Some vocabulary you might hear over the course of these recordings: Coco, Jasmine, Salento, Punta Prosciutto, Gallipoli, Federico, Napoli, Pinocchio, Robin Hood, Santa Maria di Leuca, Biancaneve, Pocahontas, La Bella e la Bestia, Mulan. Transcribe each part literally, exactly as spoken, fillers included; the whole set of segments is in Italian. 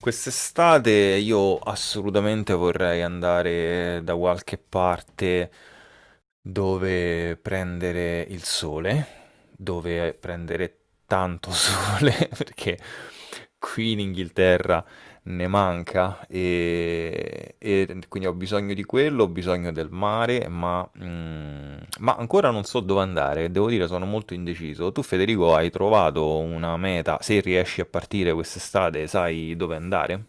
Quest'estate io assolutamente vorrei andare da qualche parte dove prendere il sole, dove prendere tanto sole, perché qui in Inghilterra ne manca e, e quindi ho bisogno di quello, ho bisogno del mare, ma, mm, ma ancora non so dove andare, devo dire sono molto indeciso. Tu Federico hai trovato una meta, se riesci a partire quest'estate sai dove andare?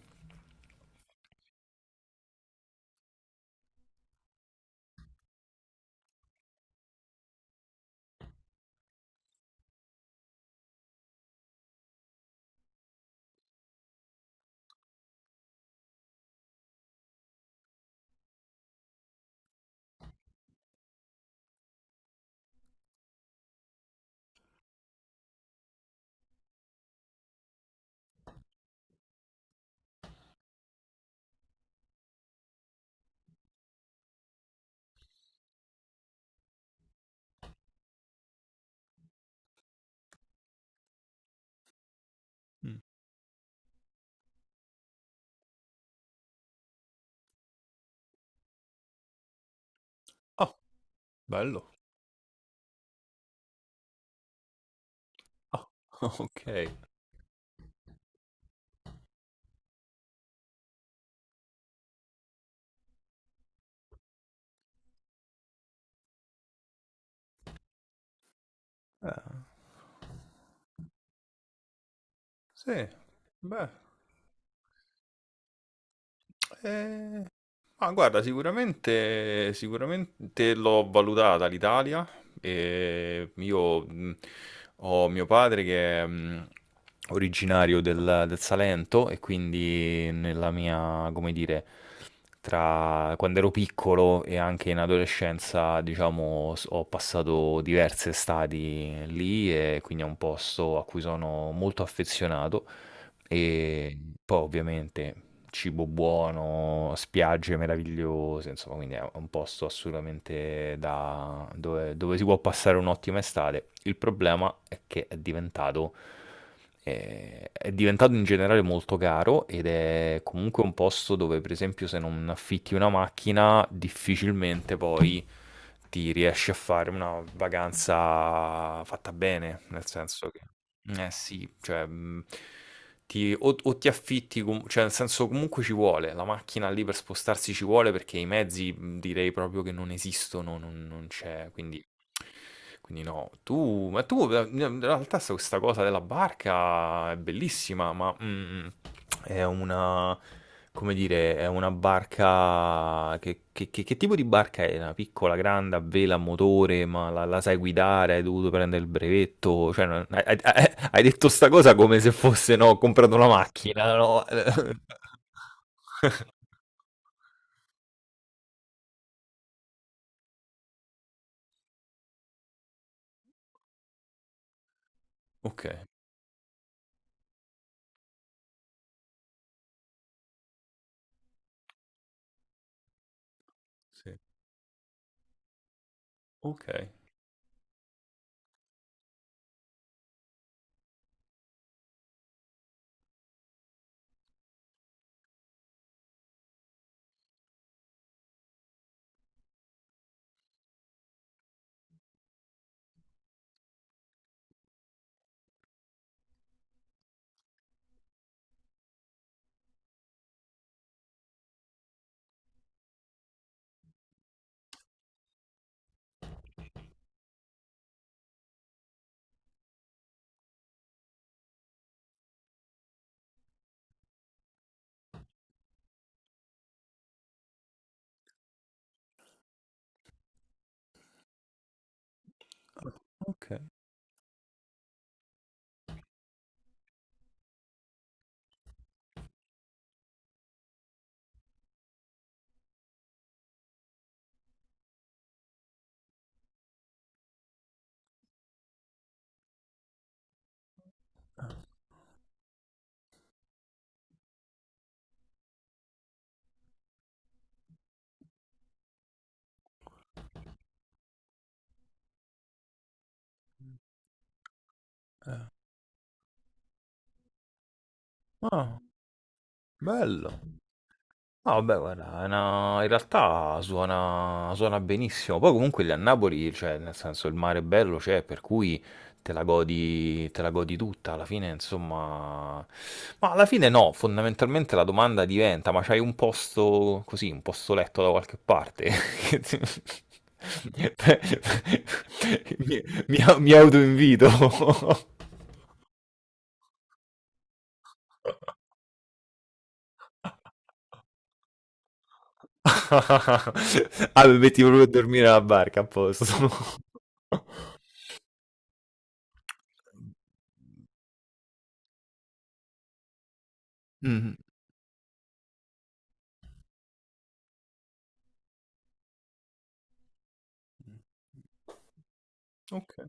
Ah, bello. Ah, ok. Eh, sì, beh, eh, Ma guarda, sicuramente, sicuramente l'ho valutata l'Italia. E io mh, ho mio padre che è mh, originario del, del Salento e quindi nella mia, come dire, tra quando ero piccolo e anche in adolescenza, diciamo, s- ho passato diverse estati lì e quindi è un posto a cui sono molto affezionato. E poi ovviamente cibo buono, spiagge meravigliose, insomma, quindi è un posto assolutamente da dove, dove si può passare un'ottima estate. Il problema è che è diventato, eh, è diventato in generale molto caro ed è comunque un posto dove, per esempio, se non affitti una macchina, difficilmente poi ti riesci a fare una vacanza fatta bene, nel senso che... Eh sì, cioè, mh, ti- o, o ti affitti, com- cioè nel senso comunque ci vuole, la macchina lì per spostarsi ci vuole perché i mezzi mh, direi proprio che non esistono, non, non c'è, quindi, quindi no. Tu, ma tu eh, in realtà se questa cosa della barca è bellissima, ma... mm, mm, è una, come dire, è una barca. Che, che- che- che tipo di barca è? Una piccola, grande, a vela, a motore, ma la, la sai guidare? Hai dovuto prendere il brevetto? Cioè, non- hai, hai- hai- hai detto sta cosa come se fosse, no, ho comprato una macchina, no? Ok, sì. Ok, ok. Ah, bello. No, vabbè, guarda, è una- in realtà suona, suona benissimo. Poi comunque lì a Napoli, cioè, nel senso, il mare è bello, c'è, per cui te la godi, te la godi tutta, alla fine, insomma... Ma alla fine no, fondamentalmente la domanda diventa, ma c'hai un posto così, un posto letto da qualche parte? Che ti- Mi, mi, mi autoinvito. Ah, mi metti proprio a dormire alla barca, a posto. Mh-mh. Okay.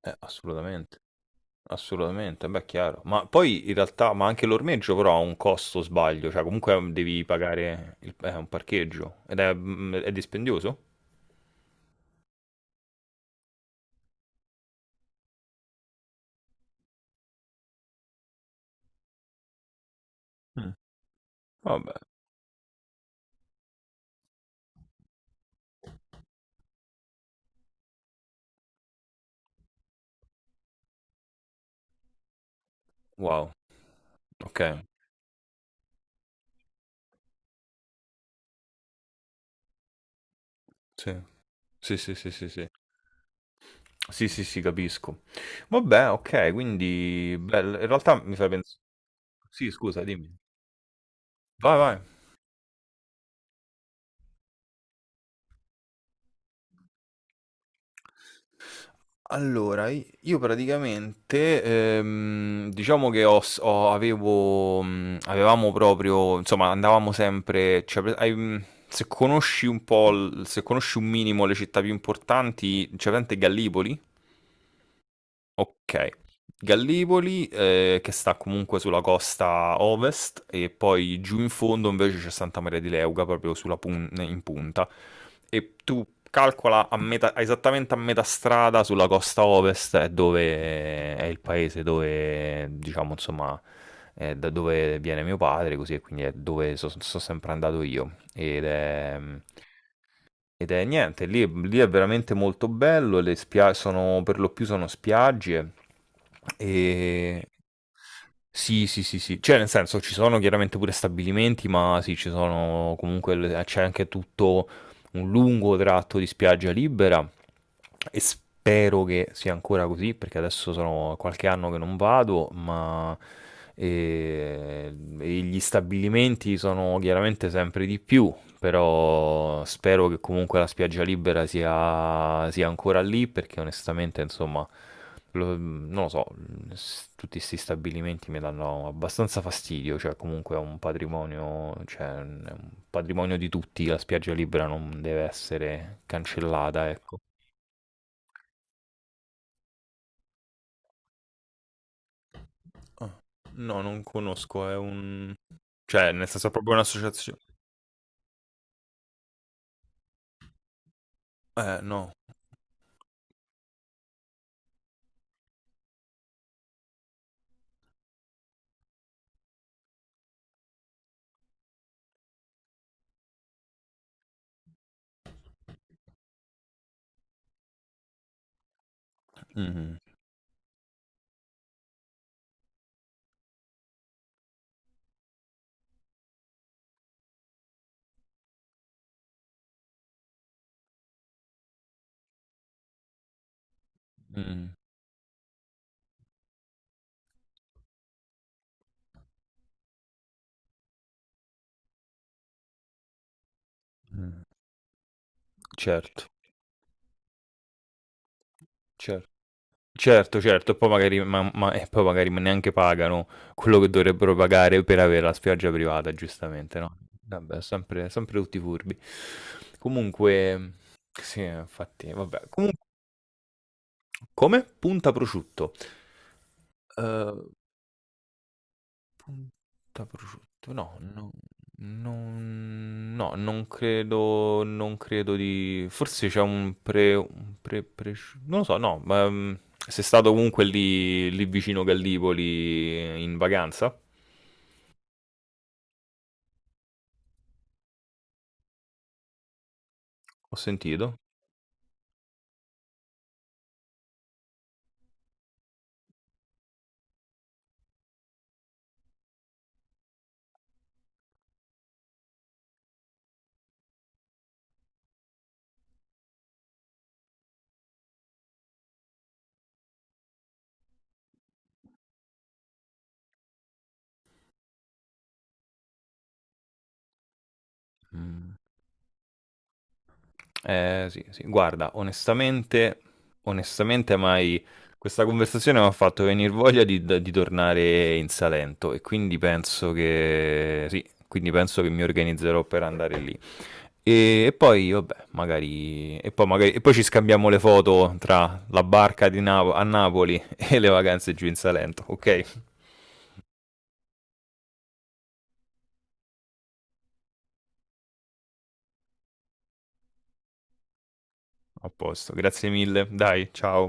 Eh, assolutamente, assolutamente, beh, chiaro. Ma poi in realtà ma anche l'ormeggio però ha un costo, sbaglio, cioè comunque, uhm, devi pagare il p eh, un parcheggio ed è mhmm, è dispendioso? Mh. Vabbè, wow, okay, sì. Sì, sì, sì, sì, sì. Sì, sì, sì, capisco. Vabbè, okay, quindi bel in realtà mi fai pens sì, scusa, dimmi. Vai, vai. Allora, i- io praticamente, ehm, diciamo che ho, s- ho- avevo, mm, avevamo proprio, insomma, andavamo sempre, cioè, pre- hai- mm, se conosci un po', l- se conosci un minimo le città più importanti, c'è presente Gallipoli? Okay. Gallipoli, ehm, che sta comunque sulla costa ovest e poi giù in fondo invece c'è Santa Maria di Leuca, proprio sulla pun in punta. E tu calcola a metà esattamente a metà strada sulla costa ovest è dove è il paese dove diciamo insomma, è da dove viene mio padre, così e quindi è dove so so sempre andato io. Ed è, mhmm ed è niente, lì, lì è veramente molto bello, le spia- sono, per lo più sono spiagge e... Sì, sì, sì, sì, cioè nel senso ci sono chiaramente pure stabilimenti, ma sì, ci sono comunque, le- c'è anche tutto un lungo tratto di spiaggia libera e spero che sia ancora così, perché adesso sono qualche anno che non vado, ma eh, e gli stabilimenti sono chiaramente sempre di più però spero che comunque la spiaggia libera sia, sia ancora lì perché onestamente, insomma, lo- non lo so, s- tutti questi stabilimenti mi danno abbastanza fastidio, cioè comunque è un patrimonio, cioè è un patrimonio di tutti, la spiaggia libera non deve essere cancellata, ecco. Ah, no, non conosco, è un... Cioè, nel senso, è proprio un'associazione. Eh, no. Mhm, mhm, mhm. Certo, certo. Certo, certo, e poi magari ma ma e poi magari ma neanche pagano quello che dovrebbero pagare per avere la spiaggia privata, giustamente, no, vabbè sempre sempre tutti furbi. Comunque sì, infatti vabbè. Comun come? Punta prosciutto. Uhm Da prosciutto, no, no, non, no, non credo, non credo di... Forse c'è un pre, un pre, presci- non lo so, no, ma ehm, sei stato comunque lì, lì vicino Gallipoli in vacanza? Ho sentito. Mm. Eh, sì, sì, guarda, onestamente, onestamente, mai... Questa conversazione mi ha fatto venire voglia di, di tornare in Salento e quindi penso che... Sì, quindi penso che mi organizzerò per andare lì. E, e poi, vabbè, magari... E poi, magari... e poi ci scambiamo le foto tra la barca di Napo- a Napoli e le vacanze giù in Salento, ok? A posto, grazie mille, dai, ciao.